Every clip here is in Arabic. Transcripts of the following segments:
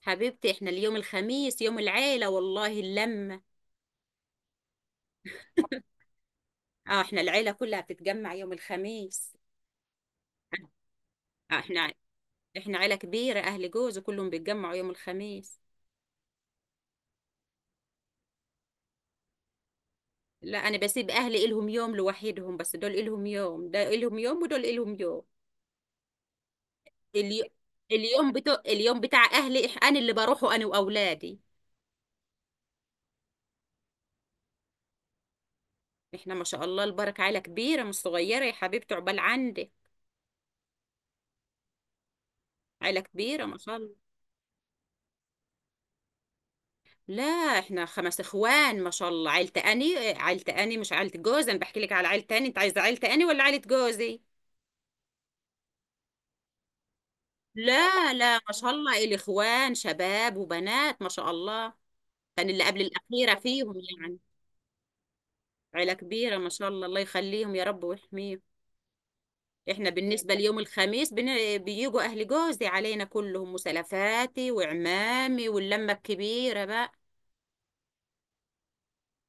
حبيبتي، احنا اليوم الخميس يوم العيلة والله اللمة. اه، احنا العيلة كلها بتتجمع يوم الخميس. اه احنا عيلة كبيرة، اهل جوزي كلهم بيتجمعوا يوم الخميس. لا، انا بسيب اهلي الهم يوم لوحدهم، بس دول الهم يوم ده الهم يوم ودول الهم يوم. اليوم اليوم بتاع اهلي انا اللي بروحه انا واولادي. احنا ما شاء الله البركة عيلة كبيرة مش صغيرة يا حبيبتي، عقبال عندك. عيلة كبيرة ما شاء الله. لا، احنا خمس اخوان ما شاء الله، عيلة اني عيلة اني مش عيلة جوزي، انا بحكي لك على عيلة اني، انت عايزة عيلة اني ولا عيلة جوزي؟ لا لا، ما شاء الله الاخوان شباب وبنات ما شاء الله. كان اللي قبل الاخيرة فيهم يعني. عيلة كبيرة ما شاء الله، الله يخليهم يا رب ويحميهم. احنا بالنسبة ليوم الخميس، بيجوا اهل جوزي علينا كلهم وسلفاتي وعمامي واللمة الكبيرة بقى.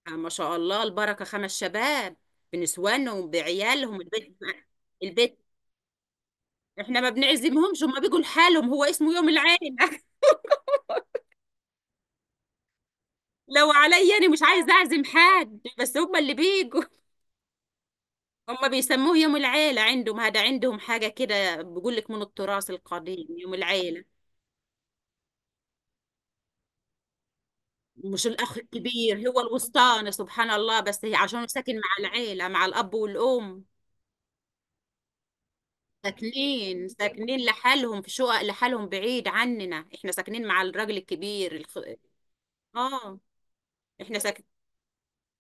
آه، ما شاء الله البركة، خمس شباب بنسوانهم بعيالهم البيت. البيت احنا ما بنعزمهمش، هما بيجوا لحالهم، هو اسمه يوم العيلة. لو عليا انا مش عايز اعزم حد، بس هما اللي بيجوا. هما بيسموه يوم العيلة عندهم، هذا عندهم حاجة كده، بيقول لك من التراث القديم يوم العيلة. مش الأخ الكبير، هو الوسطاني سبحان الله، بس هي عشان ساكن مع العيلة مع الأب والأم. ساكنين لحالهم في شقق لحالهم بعيد عننا، احنا ساكنين مع الراجل الكبير اه. احنا ساكنين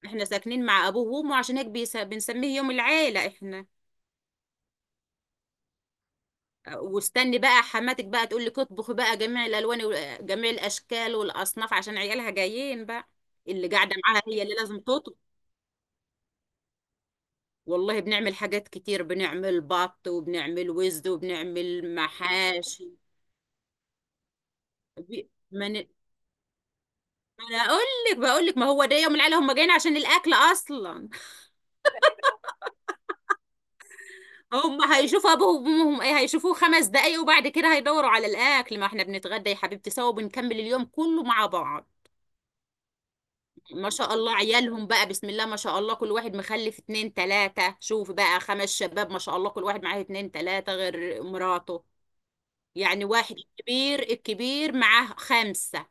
احنا ساكنين مع ابوه وامه، عشان هيك بنسميه يوم العيله احنا. أه، واستني بقى حماتك بقى تقول لك اطبخي بقى جميع الالوان وجميع الاشكال والاصناف عشان عيالها جايين بقى. اللي قاعده معاها هي اللي لازم تطبخ. والله بنعمل حاجات كتير، بنعمل بط وبنعمل وزد وبنعمل محاشي. بي- ما ن- ما انا اقول لك، بقول لك ما هو ده يوم العيله، هم جايين عشان الاكل اصلا. هم هيشوفوا ابوهم وامهم، ايه، هيشوفوه خمس دقايق وبعد كده هيدوروا على الاكل، ما احنا بنتغدى يا حبيبتي سوا وبنكمل اليوم كله مع بعض. ما شاء الله عيالهم بقى، بسم الله ما شاء الله، كل واحد مخلف اتنين تلاتة، شوف بقى خمس شباب ما شاء الله كل واحد معاه اتنين تلاتة غير مراته. يعني واحد الكبير، الكبير معاه خمسة.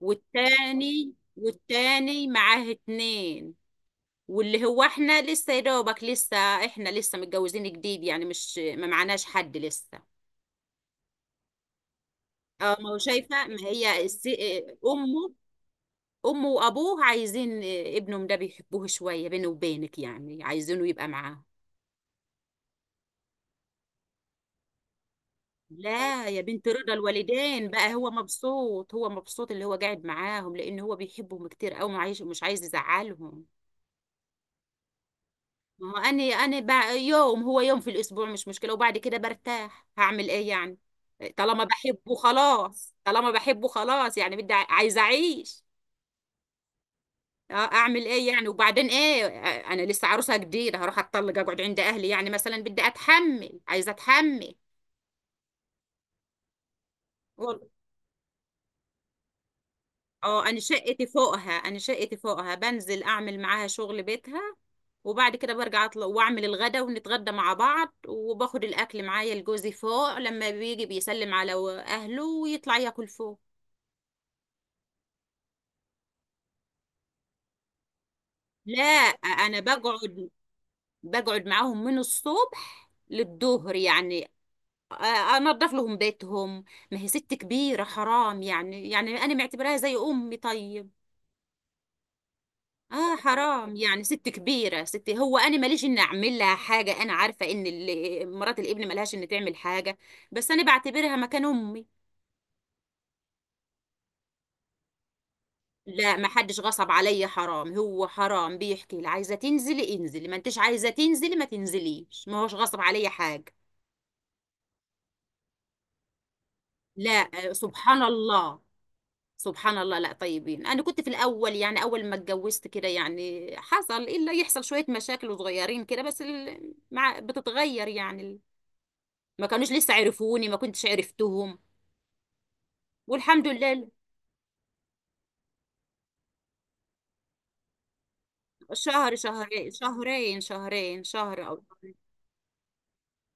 والتاني معاه اتنين. واللي هو احنا لسه يا دوبك لسه، احنا لسه متجوزين جديد يعني، مش ما معناش حد لسه. اه ما هو شايفه، ما هي آه، امه. امه وابوه عايزين آه، ابنهم ده بيحبوه شويه، بينه وبينك يعني، عايزينه يبقى معاه. لا يا بنت رضا الوالدين بقى، هو مبسوط، هو مبسوط اللي هو قاعد معاهم، لان هو بيحبهم كتير قوي وعايش مش عايز يزعلهم. ما هو انا بقى يوم هو، يوم في الاسبوع مش مشكله وبعد كده برتاح، هعمل ايه يعني؟ طالما بحبه خلاص، طالما بحبه خلاص يعني، بدي عايزه اعيش. اه اعمل ايه يعني، وبعدين ايه آه، انا لسه عروسه جديده هروح اتطلق اقعد عند اهلي يعني مثلا، بدي اتحمل عايزه اتحمل. وال- اه، انا شقتي فوقها بنزل اعمل معاها شغل بيتها، وبعد كده برجع اطلع واعمل الغدا ونتغدى مع بعض، وباخد الاكل معايا لجوزي فوق، لما بيجي بيسلم على اهله ويطلع ياكل فوق. لا انا بقعد، بقعد معاهم من الصبح للظهر يعني، انضف لهم بيتهم، ما هي ست كبيره حرام يعني، يعني انا معتبراها زي امي طيب. اه حرام يعني ست كبيره ست، هو انا ماليش ان اعمل لها حاجه، انا عارفه ان مرات الابن ملهاش ان تعمل حاجه، بس انا بعتبرها مكان امي. لا ما حدش غصب عليا، حرام هو، حرام بيحكي لي عايزه تنزلي انزلي، ما انتش عايزه تنزلي ما تنزليش، ما هوش غصب عليا حاجه. لا آه، سبحان الله، سبحان الله. لا طيبين، انا كنت في الاول يعني اول ما اتجوزت كده يعني، حصل الا يحصل شويه مشاكل صغيرين كده، بس مع بتتغير يعني ما كانوش لسه عرفوني، ما كنتش عرفتهم. والحمد لله. شهر شهرين شهر او شهرين.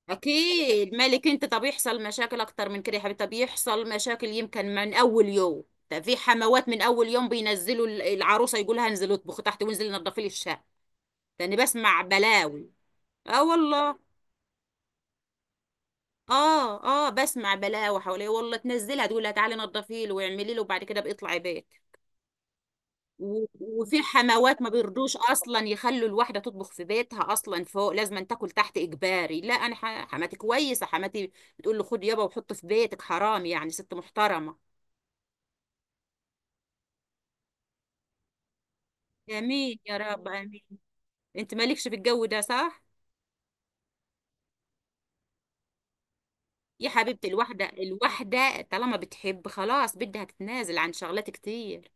اكيد مالك انت، طب يحصل مشاكل اكتر من كده يا حبيبتي، طب يحصل مشاكل يمكن من اول يوم. ده في حموات من اول يوم بينزلوا العروسه يقولها انزلي اطبخي تحت وانزلي نظفي لي الشقه، لاني بسمع بلاوي. اه والله، اه بسمع بلاوي حواليه والله، تنزلها تقول لها تعالي نضفي له ويعملي له وبعد كده بيطلع بيت. وفي حموات ما بيرضوش اصلا يخلوا الواحده تطبخ في بيتها اصلا فوق، لازم أن تاكل تحت اجباري. لا انا حماتي كويسه، حماتي بتقول له خد يابا وحط في بيتك، حرام يعني ست محترمه. امين يا رب امين. انت مالكش في الجو ده صح. يا حبيبتي الواحده، الواحده طالما بتحب خلاص بدها تتنازل عن شغلات كتير.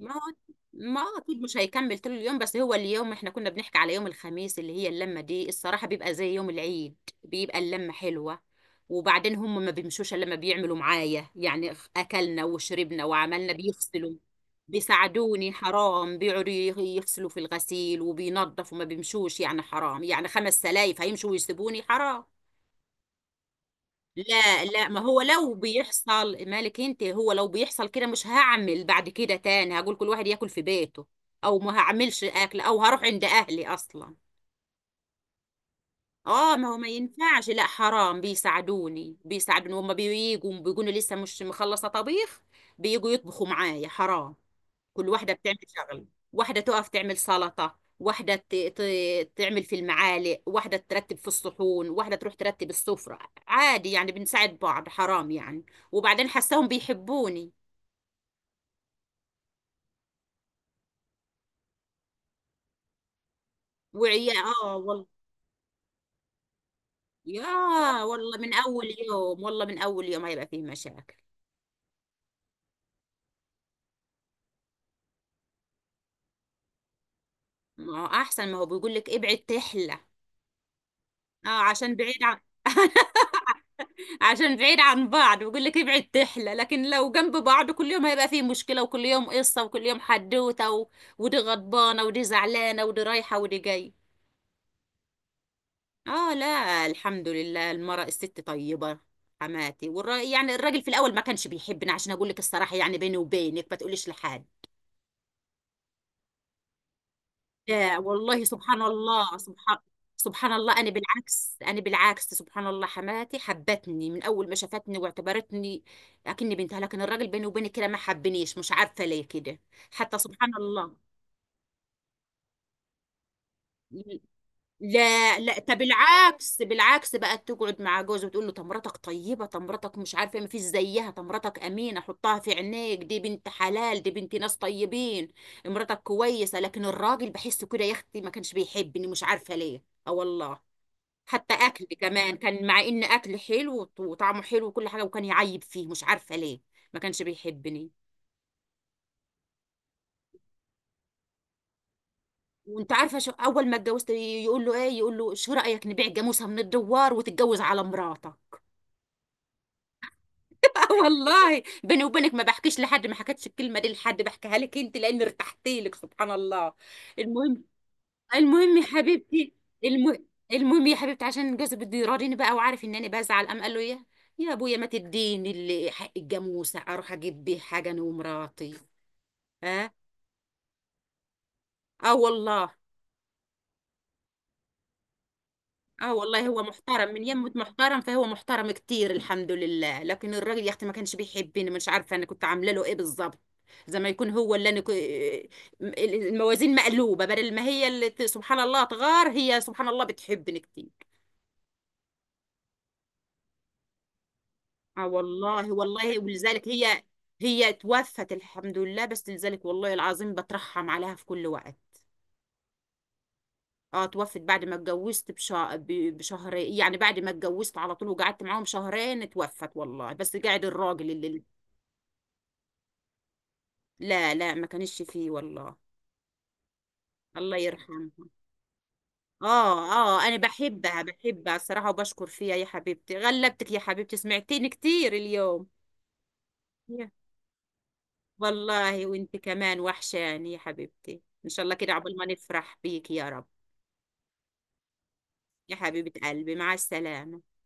ما هو ما هو اكيد مش هيكمل طول اليوم، بس هو اليوم احنا كنا بنحكي على يوم الخميس اللي هي اللمه دي، الصراحه بيبقى زي يوم العيد، بيبقى اللمه حلوه. وبعدين هم ما بيمشوش الا لما بيعملوا معايا يعني، اكلنا وشربنا وعملنا بيغسلوا. بيساعدوني حرام، بيقعدوا يغسلوا في الغسيل وبينظفوا، ما بيمشوش يعني، حرام يعني، خمس سلايف هيمشوا ويسيبوني حرام. لا لا، ما هو لو بيحصل مالك انت، هو لو بيحصل كده مش هعمل بعد كده تاني، هقول كل واحد ياكل في بيته، او ما هعملش اكل، او هروح عند اهلي اصلا. اه ما هو ما ينفعش، لا حرام، بيساعدوني، بيساعدوني، هما بييجوا بيقولوا لسه مش مخلصة طبيخ، بييجوا يطبخوا معايا حرام. كل واحدة بتعمل شغل، واحدة تقف تعمل سلطة، واحدة تعمل في المعالق، واحدة ترتب في الصحون، واحدة تروح ترتب السفرة، عادي يعني بنساعد بعض حرام يعني. وبعدين حساهم بيحبوني. وعيا اه والله. يا، والله من اول يوم، والله من اول يوم هيبقى فيه مشاكل. ما هو احسن، ما هو بيقول لك ابعد تحلى. اه عشان بعيد عن عشان بعيد عن بعض بقول لك ابعد تحلى، لكن لو جنب بعض كل يوم هيبقى فيه مشكلة وكل يوم قصة وكل يوم حدوتة و... ودي غضبانة ودي زعلانة ودي رايحة ودي جاي. اه لا الحمد لله، المرأة الست طيبة، حماتي يعني الراجل في الاول ما كانش بيحبني، عشان اقول لك الصراحة يعني بيني وبينك ما تقوليش لحد. آه والله، سبحان الله. انا بالعكس، سبحان الله حماتي حبتني من اول ما شافتني واعتبرتني اكني بنتها، لكن الراجل بيني وبينك كده ما حبنيش، مش عارفه ليه كده، حتى سبحان الله. لا لا، طب بالعكس بالعكس، بقت تقعد مع جوزي وتقول له طب مراتك طيبه، طب مراتك مش عارفه إيه، ما فيش زيها، طب مراتك امينه حطها في عينيك، دي بنت حلال دي بنت ناس طيبين، مراتك كويسه، لكن الراجل بحسه كده يا اختي ما كانش بيحبني، مش عارفه ليه اه والله. حتى اكل كمان، كان مع ان اكل حلو وطعمه حلو وكل حاجه، وكان يعيب فيه مش عارفه ليه، ما كانش بيحبني. وانت عارفه شو اول ما اتجوزت يقول له ايه، يقول له شو رايك نبيع جاموسه من الدوار وتتجوز على مراته. آه والله، بيني وبينك ما بحكيش لحد، ما حكيتش الكلمه دي لحد، بحكيها لك انت لان ارتحت لك، سبحان الله. المهم المهم يا حبيبتي، الم... المهم يا حبيبتي، عشان جوزي بده يراضيني بقى وعارف ان انا بزعل، قام قال له ايه، يا ابويا ما تديني اللي حق الجاموسه اروح اجيب بيه حاجه انا ومراتي. ها اه والله. اه والله هو محترم من يمه، محترم، فهو محترم كتير الحمد لله، لكن الراجل يا اختي ما كانش بيحبني، مش عارفه انا كنت عامله له ايه بالظبط، زي ما يكون هو اللي انا الموازين مقلوبه، بدل ما هي اللي سبحان الله تغار، هي سبحان الله بتحبني كتير. اه والله. والله ولذلك هي، هي توفت الحمد لله، بس لذلك والله العظيم بترحم عليها في كل وقت. اه توفت بعد ما اتجوزت بشهر يعني، بعد ما اتجوزت على طول، وقعدت معاهم شهرين توفت والله، بس قاعد الراجل اللي. لا لا، ما كانش فيه والله، الله يرحمها. اه اه انا بحبها، بحبها الصراحة وبشكر فيها. يا حبيبتي غلبتك يا حبيبتي، سمعتيني كتير اليوم. والله وانت كمان وحشاني يا حبيبتي، ان شاء الله كده عقبال ما نفرح بيك يا رب. يا حبيبة قلبي مع السلامة.